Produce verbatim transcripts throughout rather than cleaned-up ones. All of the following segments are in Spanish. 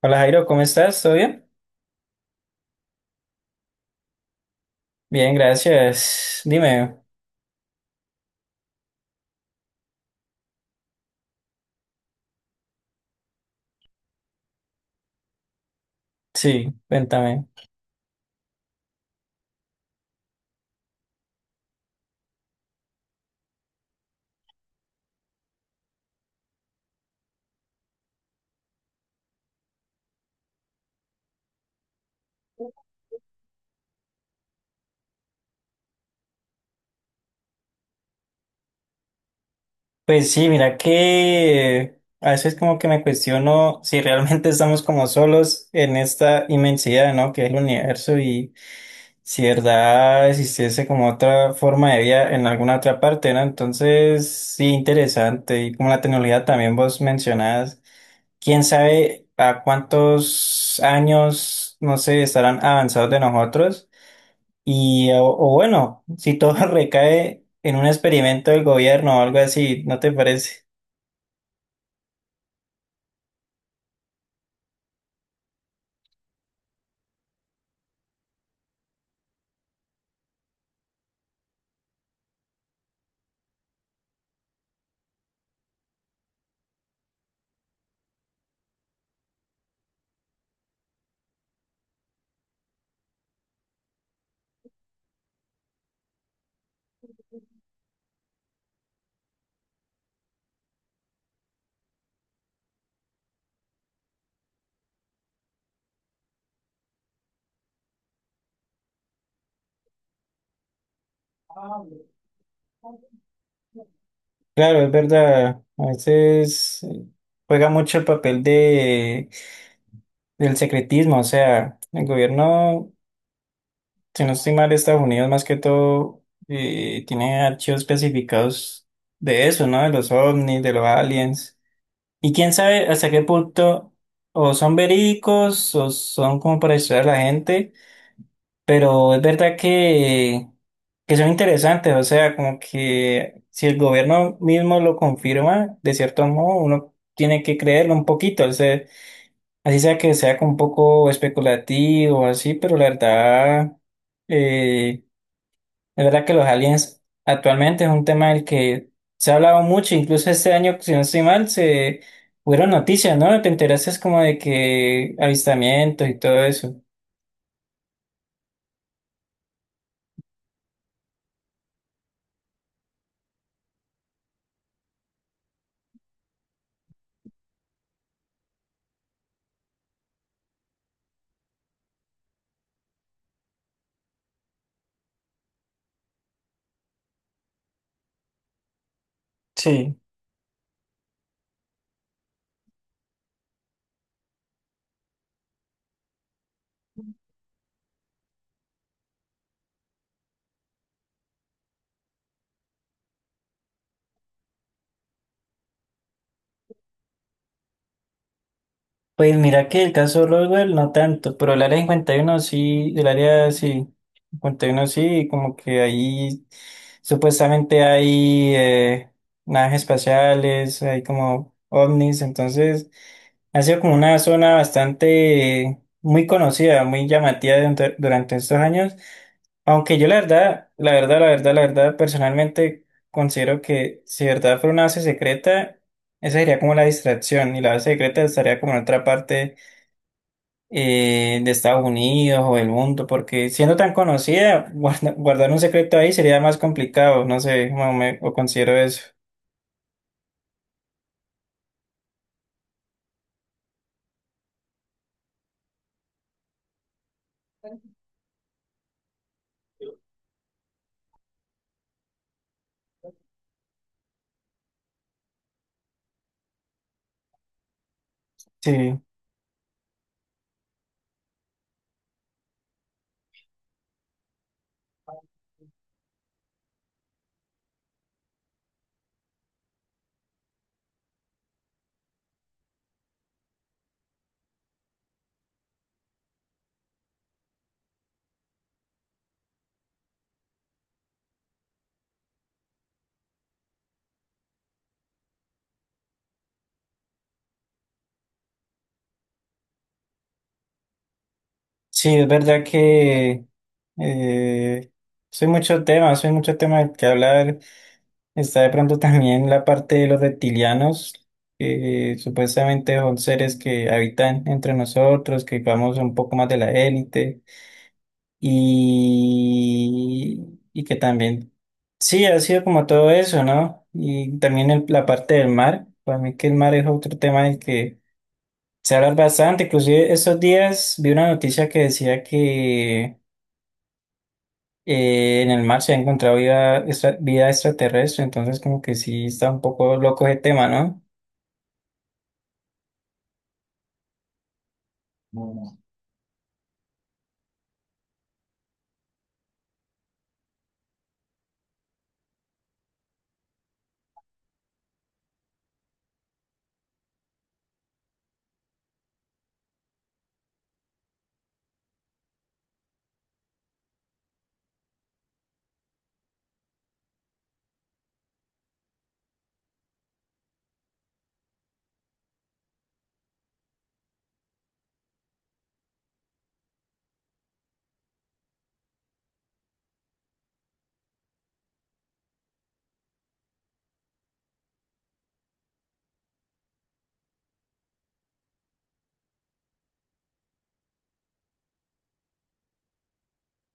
Hola Jairo, ¿cómo estás? ¿Todo bien? Bien, gracias. Dime, sí, cuéntame. Pues sí, mira que a veces como que me cuestiono si realmente estamos como solos en esta inmensidad, ¿no? Que es el universo y si de verdad existiese como otra forma de vida en alguna otra parte, ¿no? Entonces, sí, interesante. Y como la tecnología también vos mencionás, quién sabe a cuántos años, no sé, estarán avanzados de nosotros. Y, o, o bueno, si todo recae en un experimento del gobierno o algo así, ¿no te parece? Claro, es verdad. A veces eh, juega mucho el papel de, del secretismo. O sea, el gobierno, si no estoy mal, de Estados Unidos más que todo eh, tiene archivos especificados de eso, ¿no? De los ovnis, de los aliens. Y quién sabe hasta qué punto o son verídicos o son como para distraer a la gente. Pero es verdad que, que son interesantes, o sea, como que si el gobierno mismo lo confirma, de cierto modo, uno tiene que creerlo un poquito, o sea, así sea que sea como un poco especulativo, así, pero la verdad, eh, la verdad que los aliens actualmente es un tema del que se ha hablado mucho, incluso este año, si no estoy mal, se fueron noticias, ¿no? Te enteraste como de que avistamientos y todo eso. Sí. Pues mira que el caso Roswell no tanto, pero el área cincuenta y uno sí, el área sí, cincuenta y uno sí, como que ahí supuestamente hay eh, naves espaciales, hay como ovnis, entonces ha sido como una zona bastante eh, muy conocida, muy llamativa durante, durante estos años. Aunque yo la verdad, la verdad, la verdad, la verdad, personalmente considero que si de verdad fuera una base secreta, esa sería como la distracción y la base secreta estaría como en otra parte eh, de Estados Unidos o del mundo, porque siendo tan conocida, guarda- guardar un secreto ahí sería más complicado, no sé, como me, o considero eso. Sí, sí, es verdad que eh, soy mucho tema, soy mucho tema que hablar. Está de pronto también la parte de los reptilianos, que supuestamente son seres que habitan entre nosotros, que vamos un poco más de la élite y, y que también, sí, ha sido como todo eso, ¿no? Y también el- la parte del mar, para mí que el mar es otro tema del que se habla bastante, inclusive estos días vi una noticia que decía que eh, en el mar se ha encontrado vida, extra- vida extraterrestre, entonces como que sí está un poco loco ese tema, ¿no?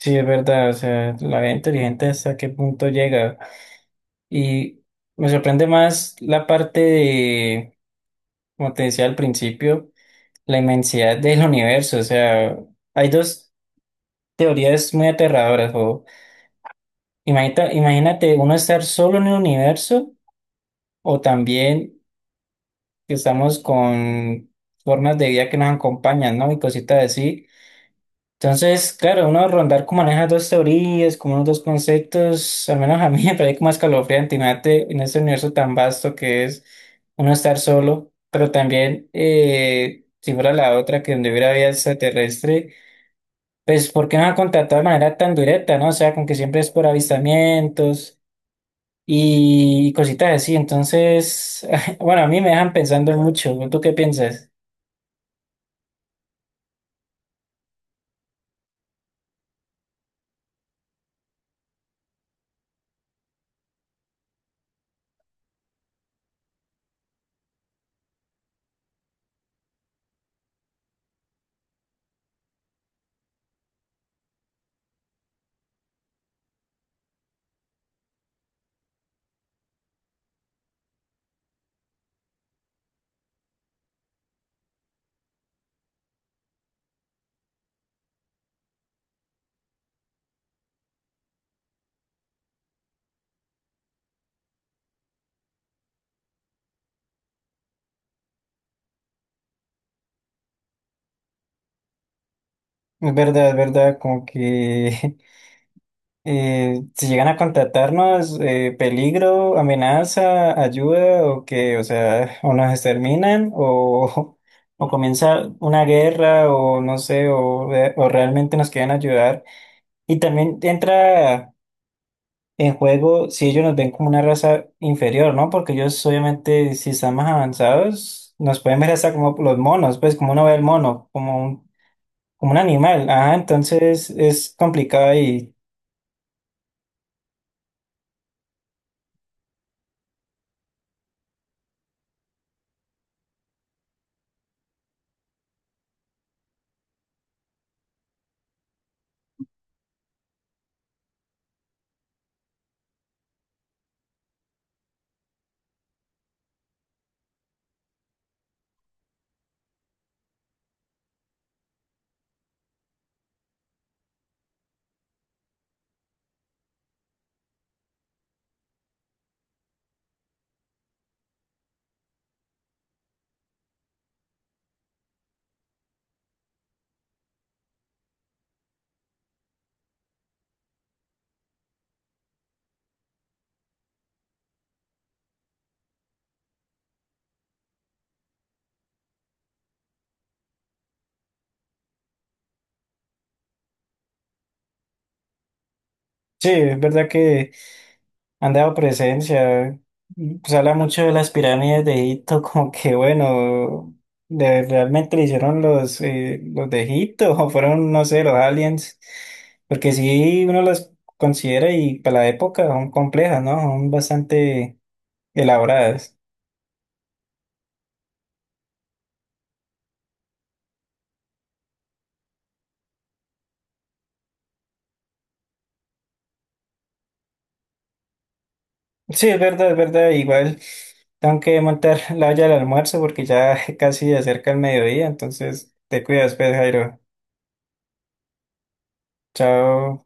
Sí, es verdad, o sea, la vida inteligente hasta qué punto llega. Y me sorprende más la parte de, como te decía al principio, la inmensidad del universo. O sea, hay dos teorías muy aterradoras. O imagínate, imagínate uno estar solo en el universo o también que estamos con formas de vida que nos acompañan, ¿no? Y cositas así. Entonces, claro, uno rondar como maneja dos teorías, como unos dos conceptos, al menos a mí me parece como escalofriante, imagínate en este universo tan vasto que es uno estar solo, pero también, eh, si fuera la otra, que donde hubiera vida extraterrestre, pues, ¿por qué no ha contactado de manera tan directa, no? O sea, con que siempre es por avistamientos y cositas así, entonces, bueno, a mí me dejan pensando mucho, ¿tú qué piensas? Es verdad, es verdad, como que Eh, si llegan a contratarnos, eh, peligro, amenaza, ayuda, o que, o sea, o nos exterminan, o, o comienza una guerra, o no sé, o, re- o realmente nos quieren ayudar. Y también entra en juego si ellos nos ven como una raza inferior, ¿no? Porque ellos, obviamente, si están más avanzados, nos pueden ver hasta como los monos, pues como uno ve el mono, como un, como un, animal. Ajá, entonces es complicado y sí, es verdad que han dado presencia. Y, pues habla mucho de las pirámides de Egipto, como que bueno, de, realmente lo hicieron los, eh, los de Egipto o fueron, no sé, los aliens, porque si uno las considera y para la época son complejas, ¿no? Son bastante elaboradas. Sí, es verdad, es verdad, igual tengo que montar la olla del almuerzo porque ya casi acerca el mediodía, entonces te cuidas, pues, Jairo. Chao.